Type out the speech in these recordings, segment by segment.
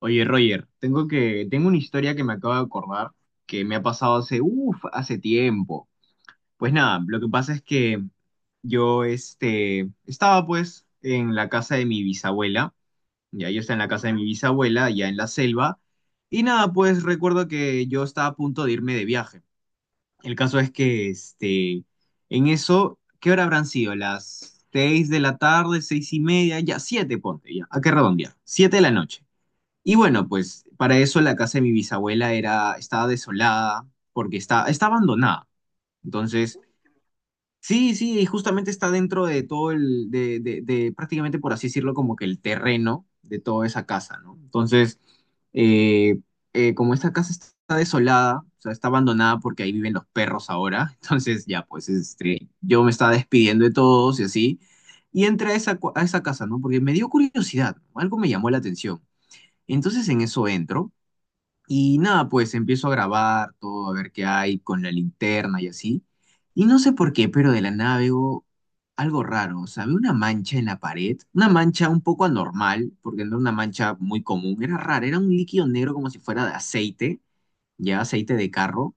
Oye, Roger, tengo una historia que me acabo de acordar que me ha pasado hace, uff, hace tiempo. Pues nada, lo que pasa es que yo, estaba pues en la casa de mi bisabuela, ya yo estaba en la casa de mi bisabuela, ya en la selva, y nada, pues recuerdo que yo estaba a punto de irme de viaje. El caso es que, en eso, ¿qué hora habrán sido? Las 6 de la tarde, 6:30, ya 7, ponte, ya, ¿a qué redondear? 7 de la noche. Y bueno, pues para eso la casa de mi bisabuela era, estaba desolada porque está abandonada. Entonces, sí, sí, y justamente está dentro de todo el, de prácticamente, por así decirlo, como que el terreno de toda esa casa, ¿no? Entonces, eh, como esta casa está desolada, o sea, está abandonada porque ahí viven los perros ahora, entonces ya, pues yo me estaba despidiendo de todos y así, y entré a esa casa, ¿no? Porque me dio curiosidad, algo me llamó la atención. Entonces en eso entro y nada, pues empiezo a grabar todo, a ver qué hay con la linterna y así. Y no sé por qué, pero de la nada veo algo raro. O sea, veo una mancha en la pared, una mancha un poco anormal, porque no era una mancha muy común, era rara, era un líquido negro como si fuera de aceite, ya aceite de carro.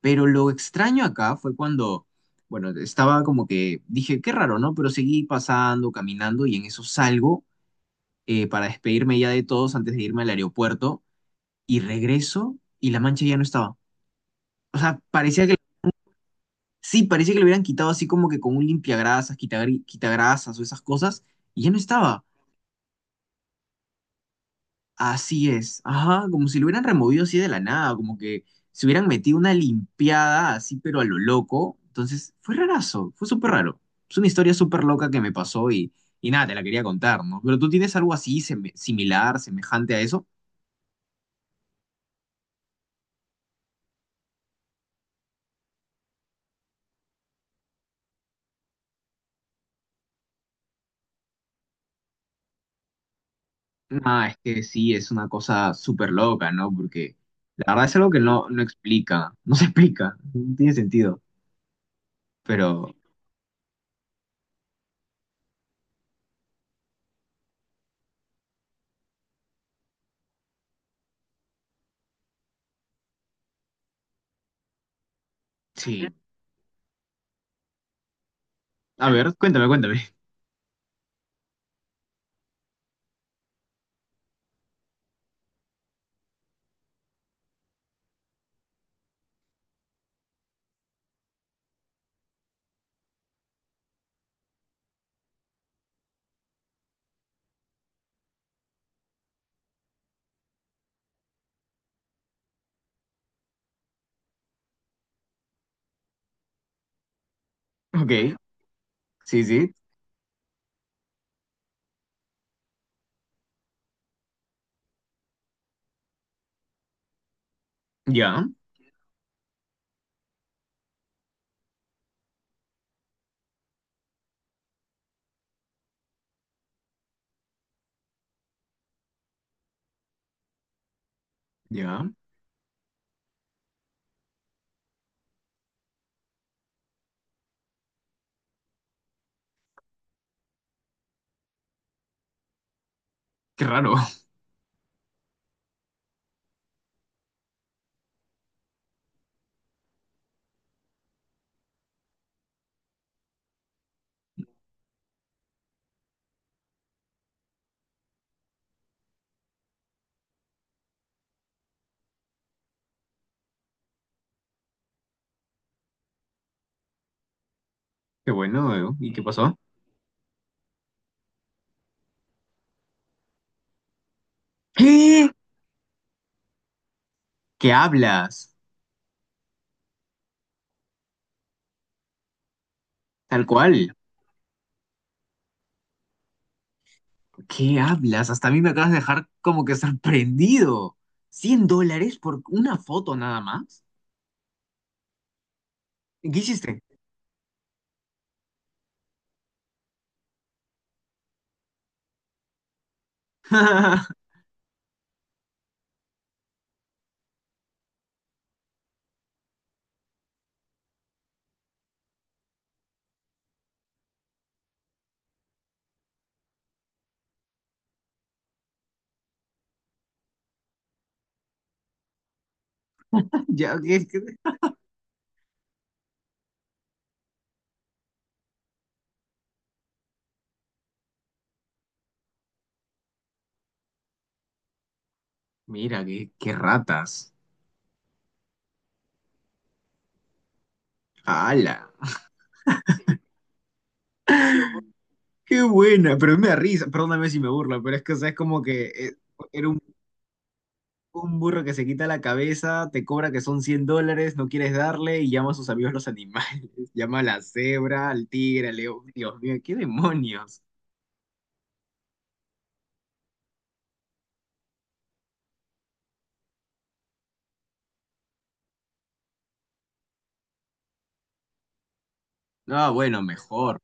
Pero lo extraño acá fue cuando, bueno, estaba como que dije, qué raro, ¿no? Pero seguí pasando, caminando y en eso salgo para despedirme ya de todos antes de irme al aeropuerto y regreso y la mancha ya no estaba. O sea, parecía que, sí, parecía que le hubieran quitado así como que con un limpiagrasas, quitagrasas o esas cosas, y ya no estaba. Así es, ajá, como si lo hubieran removido así de la nada, como que se hubieran metido una limpiada así, pero a lo loco. Entonces, fue rarazo, fue súper raro. Es una historia súper loca que me pasó y nada, te la quería contar, ¿no? Pero tú tienes algo así, semejante a eso. Nada, es que sí, es una cosa súper loca, ¿no? Porque la verdad es algo que no, no explica, no se explica, no tiene sentido, pero sí. A ver, cuéntame, cuéntame. Ok, sí, sí, ya, ya. Qué raro. Qué bueno, ¿y qué pasó? ¿Qué? ¿Qué hablas? Tal cual, ¿qué hablas? Hasta a mí me acabas de dejar como que sorprendido. ¿$100 por una foto nada más? ¿Qué hiciste? Ya, ¿qué- qué- Mira, qué, qué ratas. ¡Hala! ¡Qué buena! Pero me da risa, perdóname si me burla, pero es que, o sea, es como que era un- un burro que se quita la cabeza, te cobra que son $100, no quieres darle y llama a sus amigos los animales. Llama a la cebra, al tigre, al león. Dios mío, ¿qué demonios? Ah, bueno, mejor.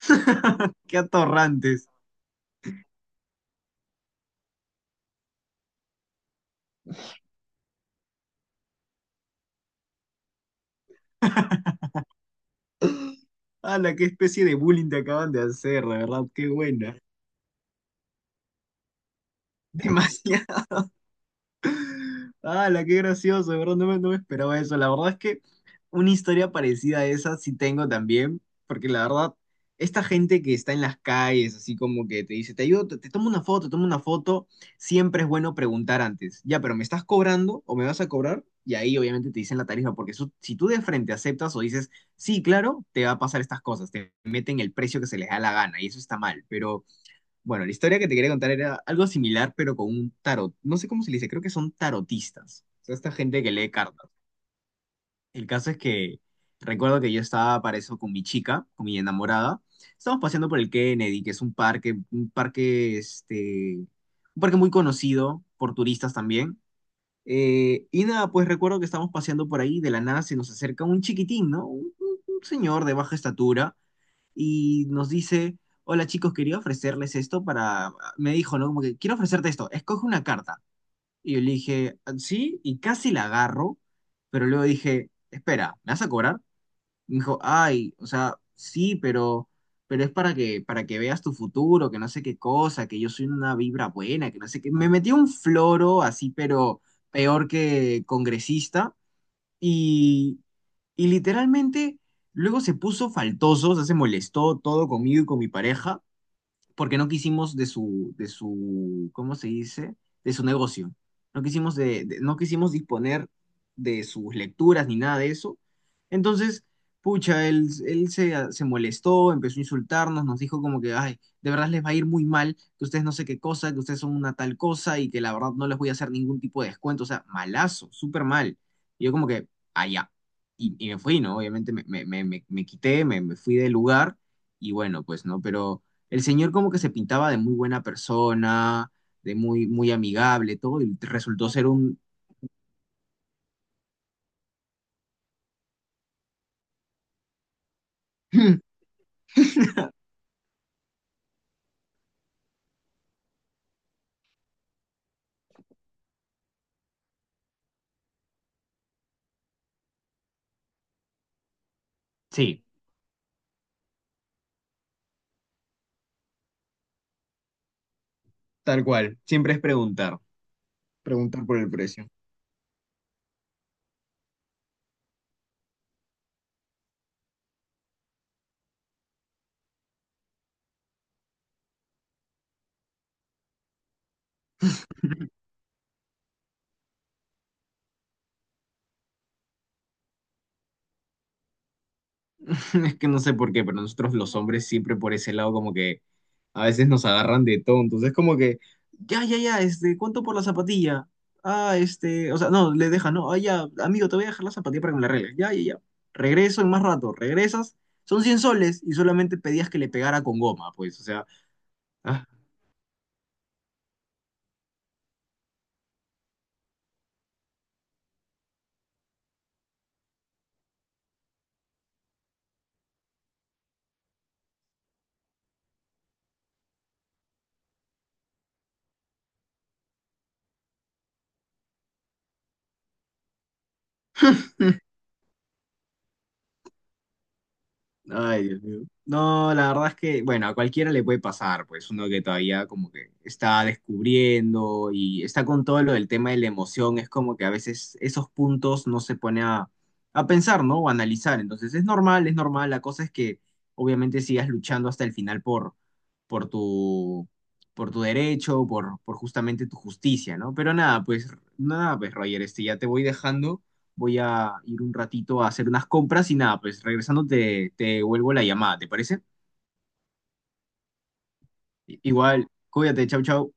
¡Qué atorrantes! ¡Hala! ¡Qué especie de bullying te acaban de hacer, de verdad! ¡Qué buena! Demasiado. ¡Hala, qué gracioso! De verdad, no me esperaba eso. La verdad es que una historia parecida a esa sí tengo también, porque la verdad, esta gente que está en las calles, así como que te dice, te ayudo, te tomo una foto, siempre es bueno preguntar antes, ya, pero ¿me estás cobrando o me vas a cobrar? Y ahí obviamente te dicen la tarifa, porque eso, si tú de frente aceptas o dices, sí, claro, te va a pasar estas cosas, te meten el precio que se les da la gana y eso está mal, pero... Bueno, la historia que te quería contar era algo similar, pero con un tarot. No sé cómo se le dice, creo que son tarotistas. O sea, esta gente que lee cartas. El caso es que recuerdo que yo estaba para eso con mi chica, con mi enamorada. Estábamos paseando por el Kennedy, que es un parque, un parque muy conocido por turistas también. Y nada, pues recuerdo que estábamos paseando por ahí, de la nada se nos acerca un chiquitín, ¿no? Un señor de baja estatura y nos dice, hola chicos, quería ofrecerles esto para, me dijo, ¿no? Como que quiero ofrecerte esto, escoge una carta. Y yo le dije, "Ah, sí", y casi la agarro, pero luego dije, espera, ¿me vas a cobrar? Y me dijo, ay, o sea, sí, pero es para que veas tu futuro, que no sé qué cosa, que yo soy una vibra buena, que no sé qué. Me metió un floro así, pero peor que congresista. Y y literalmente luego se puso faltoso, o sea, se molestó todo conmigo y con mi pareja porque no quisimos de su, ¿cómo se dice? De su negocio. No quisimos disponer de sus lecturas ni nada de eso. Entonces, pucha, él se molestó, empezó a insultarnos, nos dijo como que, ay, de verdad les va a ir muy mal, que ustedes no sé qué cosa, que ustedes son una tal cosa y que la verdad no les voy a hacer ningún tipo de descuento. O sea, malazo, súper mal. Y yo como que, allá. Y me fui, ¿no? Obviamente me, me, me, me, me quité, me fui del lugar y bueno, pues, ¿no? Pero... El señor como que se pintaba de muy buena persona, de muy, muy amigable, todo, y resultó ser un... Sí, tal cual. Siempre es preguntar, preguntar por el precio. Es que no sé por qué, pero nosotros los hombres siempre por ese lado como que a veces nos agarran de tontos. Es como que, ya, ya, ya, ¿cuánto por la zapatilla? Ah, o sea, no, le deja, no, ah, ya, amigo, te voy a dejar la zapatilla para que me la arregles. Ya, ya, ya. Regreso en más rato, regresas, son 100 soles y solamente pedías que le pegara con goma, pues, o sea, ah, ay, Dios mío. No, la verdad es que, bueno, a cualquiera le puede pasar, pues uno que todavía como que está descubriendo y está con todo lo del tema de la emoción, es como que a veces esos puntos no se pone a pensar, ¿no? O a analizar. Entonces es normal, es normal. La cosa es que obviamente sigas luchando hasta el final por tu, por tu derecho, por justamente tu justicia, ¿no? Pero nada, pues, nada, pues Roger, ya te voy dejando, voy a ir un ratito a hacer unas compras y nada, pues regresando te vuelvo la llamada, ¿te parece? I- Igual, cuídate, chau, chau.